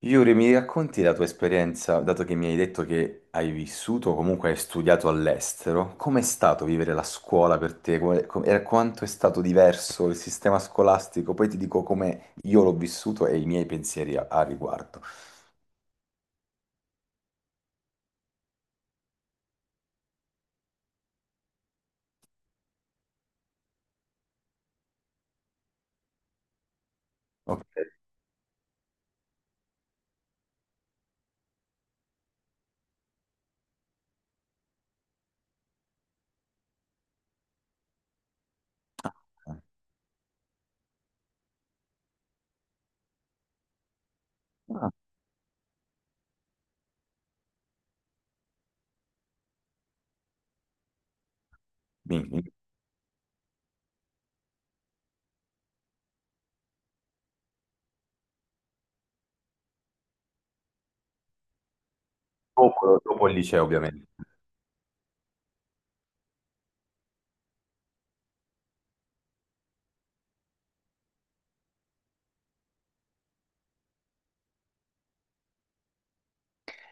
Yuri, mi racconti la tua esperienza, dato che mi hai detto che hai vissuto, o comunque hai studiato all'estero, com'è stato vivere la scuola per te? Quanto è stato diverso il sistema scolastico? Poi ti dico come io l'ho vissuto e i miei pensieri a riguardo. Ok. Ah, mi- mi- dopo, dopo il liceo, ovviamente.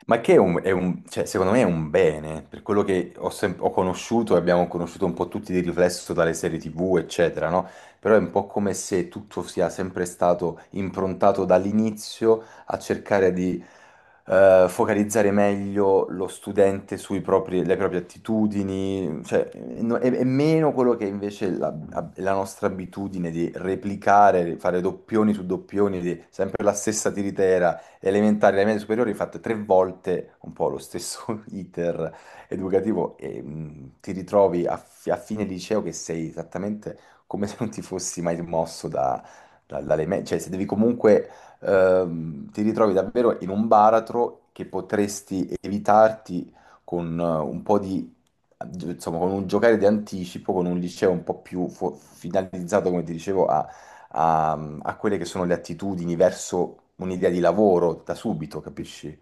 Ma che è è cioè, secondo me è un bene, per quello che ho, ho conosciuto e abbiamo conosciuto un po' tutti di riflesso dalle serie TV, eccetera, no? Però è un po' come se tutto sia sempre stato improntato dall'inizio a cercare di focalizzare meglio lo studente sulle proprie attitudini, cioè è meno quello che invece la nostra abitudine di replicare, fare doppioni su doppioni, di sempre la stessa tiritera, le elementari e le medie superiori ho fatto tre volte un po' lo stesso iter educativo e ti ritrovi a fine liceo che sei esattamente come se non ti fossi mai mosso dalle medie, cioè se devi comunque ti ritrovi davvero in un baratro che potresti evitarti con un po' di, insomma, con un giocare di anticipo, con un liceo un po' più finalizzato, come ti dicevo, a, a quelle che sono le attitudini verso un'idea di lavoro da subito, capisci?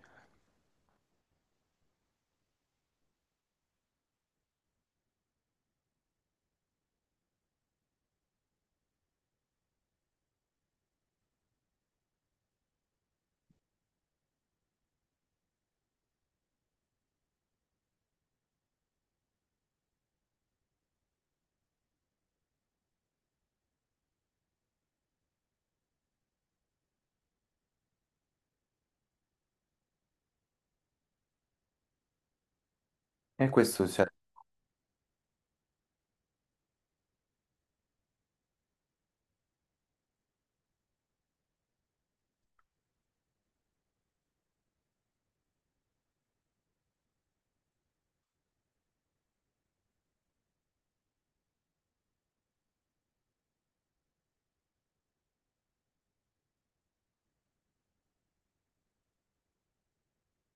E questo, cioè,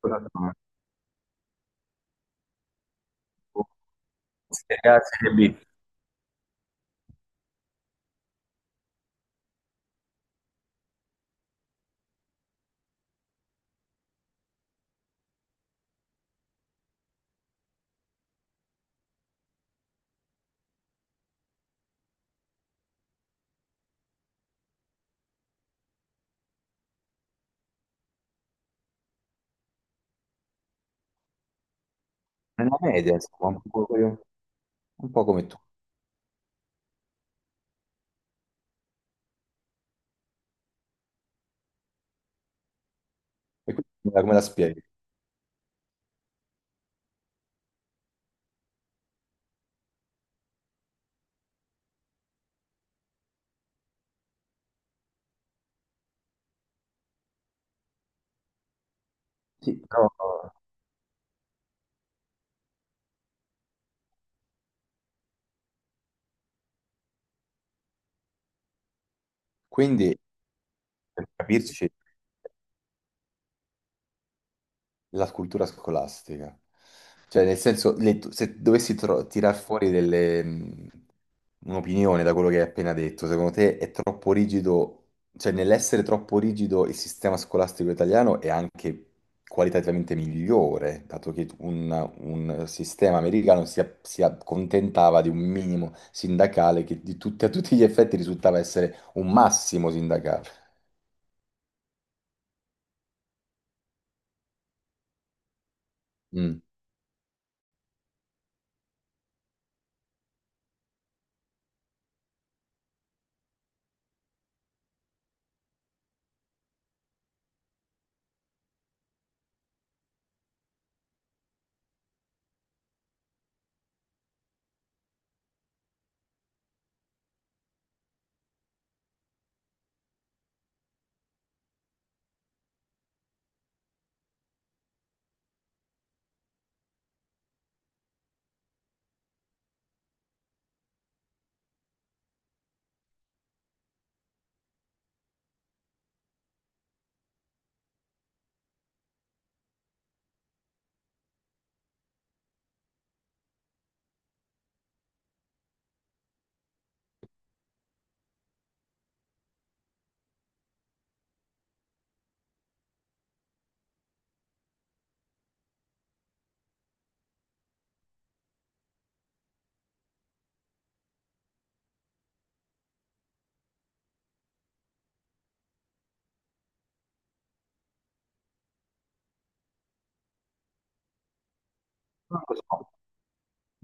Serie A, Serie B, nella media, insomma, un po' come tu. E quindi come la come la spieghi? Sì, però, quindi, per capirci, la cultura scolastica. Cioè, nel senso, se dovessi tirar fuori delle, un'opinione da quello che hai appena detto, secondo te è troppo rigido, cioè nell'essere troppo rigido il sistema scolastico italiano è anche qualitativamente migliore, dato che un sistema americano si, si accontentava di un minimo sindacale che di tutti, a tutti gli effetti risultava essere un massimo sindacale. Mm. Non lo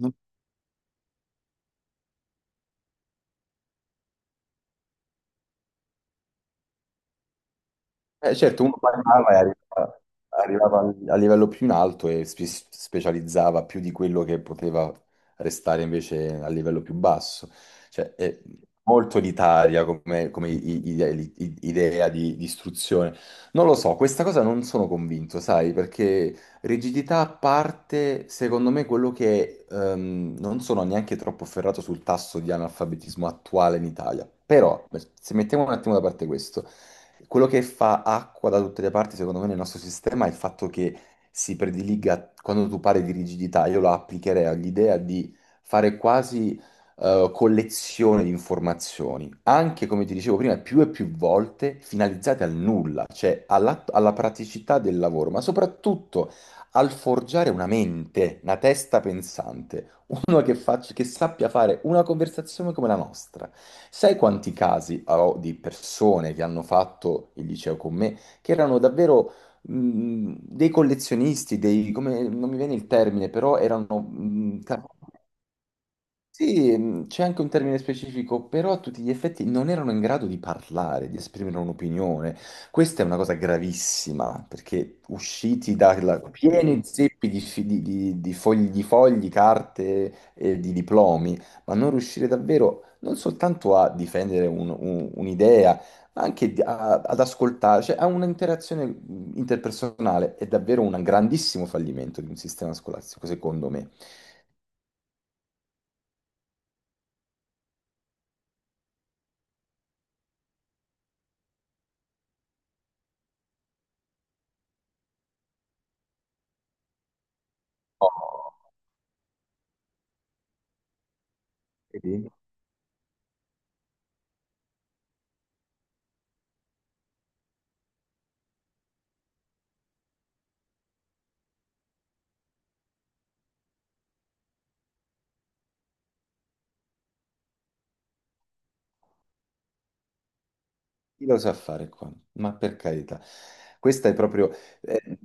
so. Certo, uno parlava e arrivava a livello più in alto e specializzava più di quello che poteva restare invece a livello più basso. Cioè, è molto elitaria come, come idea di istruzione. Non lo so, questa cosa non sono convinto, sai, perché, rigidità a parte, secondo me quello che non sono neanche troppo ferrato sul tasso di analfabetismo attuale in Italia, però se mettiamo un attimo da parte questo, quello che fa acqua da tutte le parti, secondo me, nel nostro sistema è il fatto che si prediliga, quando tu parli di rigidità, io la applicherei all'idea di fare quasi collezione di informazioni, anche come ti dicevo prima, più e più volte finalizzate al nulla, cioè alla praticità del lavoro, ma soprattutto al forgiare una mente, una testa pensante, uno che, che sappia fare una conversazione come la nostra. Sai quanti casi ho di persone che hanno fatto il liceo con me, che erano davvero dei collezionisti, dei, come, non mi viene il termine, però erano sì, c'è anche un termine specifico, però a tutti gli effetti non erano in grado di parlare, di esprimere un'opinione. Questa è una cosa gravissima, perché usciti da pieni zeppi di, di fogli, carte e di diplomi, ma non riuscire davvero non soltanto a difendere un'idea, ma anche ad ascoltare, cioè a un'interazione interpersonale, è davvero un grandissimo fallimento di un sistema scolastico, secondo me. Oh, vedi? Chi lo sa fare qua? Ma per carità, questa è proprio... eh,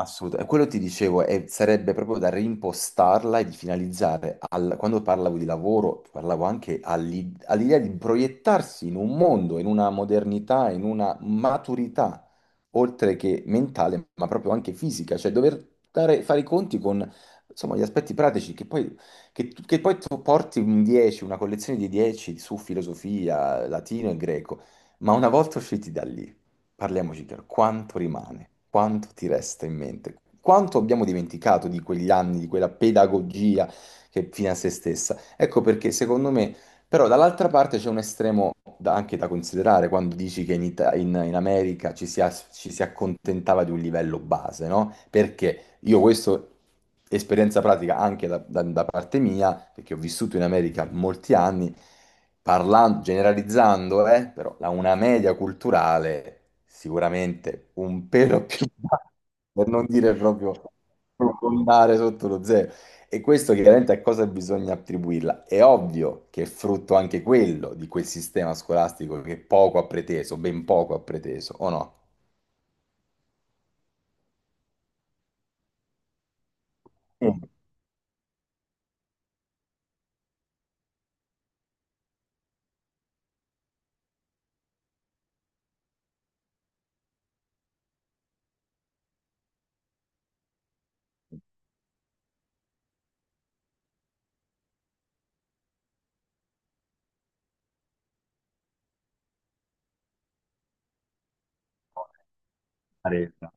assolutamente, quello ti dicevo, sarebbe proprio da reimpostarla e di finalizzare, quando parlavo di lavoro, parlavo anche all'idea di proiettarsi in un mondo, in una modernità, in una maturità, oltre che mentale, ma proprio anche fisica, cioè dover fare i conti con, insomma, gli aspetti pratici che poi, che poi tu porti un 10, una collezione di 10 su filosofia, latino e greco, ma una volta usciti da lì, parliamoci chiaro, quanto rimane? Quanto ti resta in mente? Quanto abbiamo dimenticato di quegli anni, di quella pedagogia che è fine a se stessa? Ecco perché, secondo me, però dall'altra parte c'è un estremo anche da considerare quando dici che in, in America ci si, ci si accontentava di un livello base, no? Perché? Io questo, esperienza pratica anche da parte mia, perché ho vissuto in America molti anni, parlando, generalizzando, però una media culturale sicuramente un pelo più bassa, per non dire proprio profondare sotto lo zero. E questo chiaramente a cosa bisogna attribuirla? È ovvio che è frutto anche quello di quel sistema scolastico che poco ha preteso, ben poco ha preteso, o no? Sì.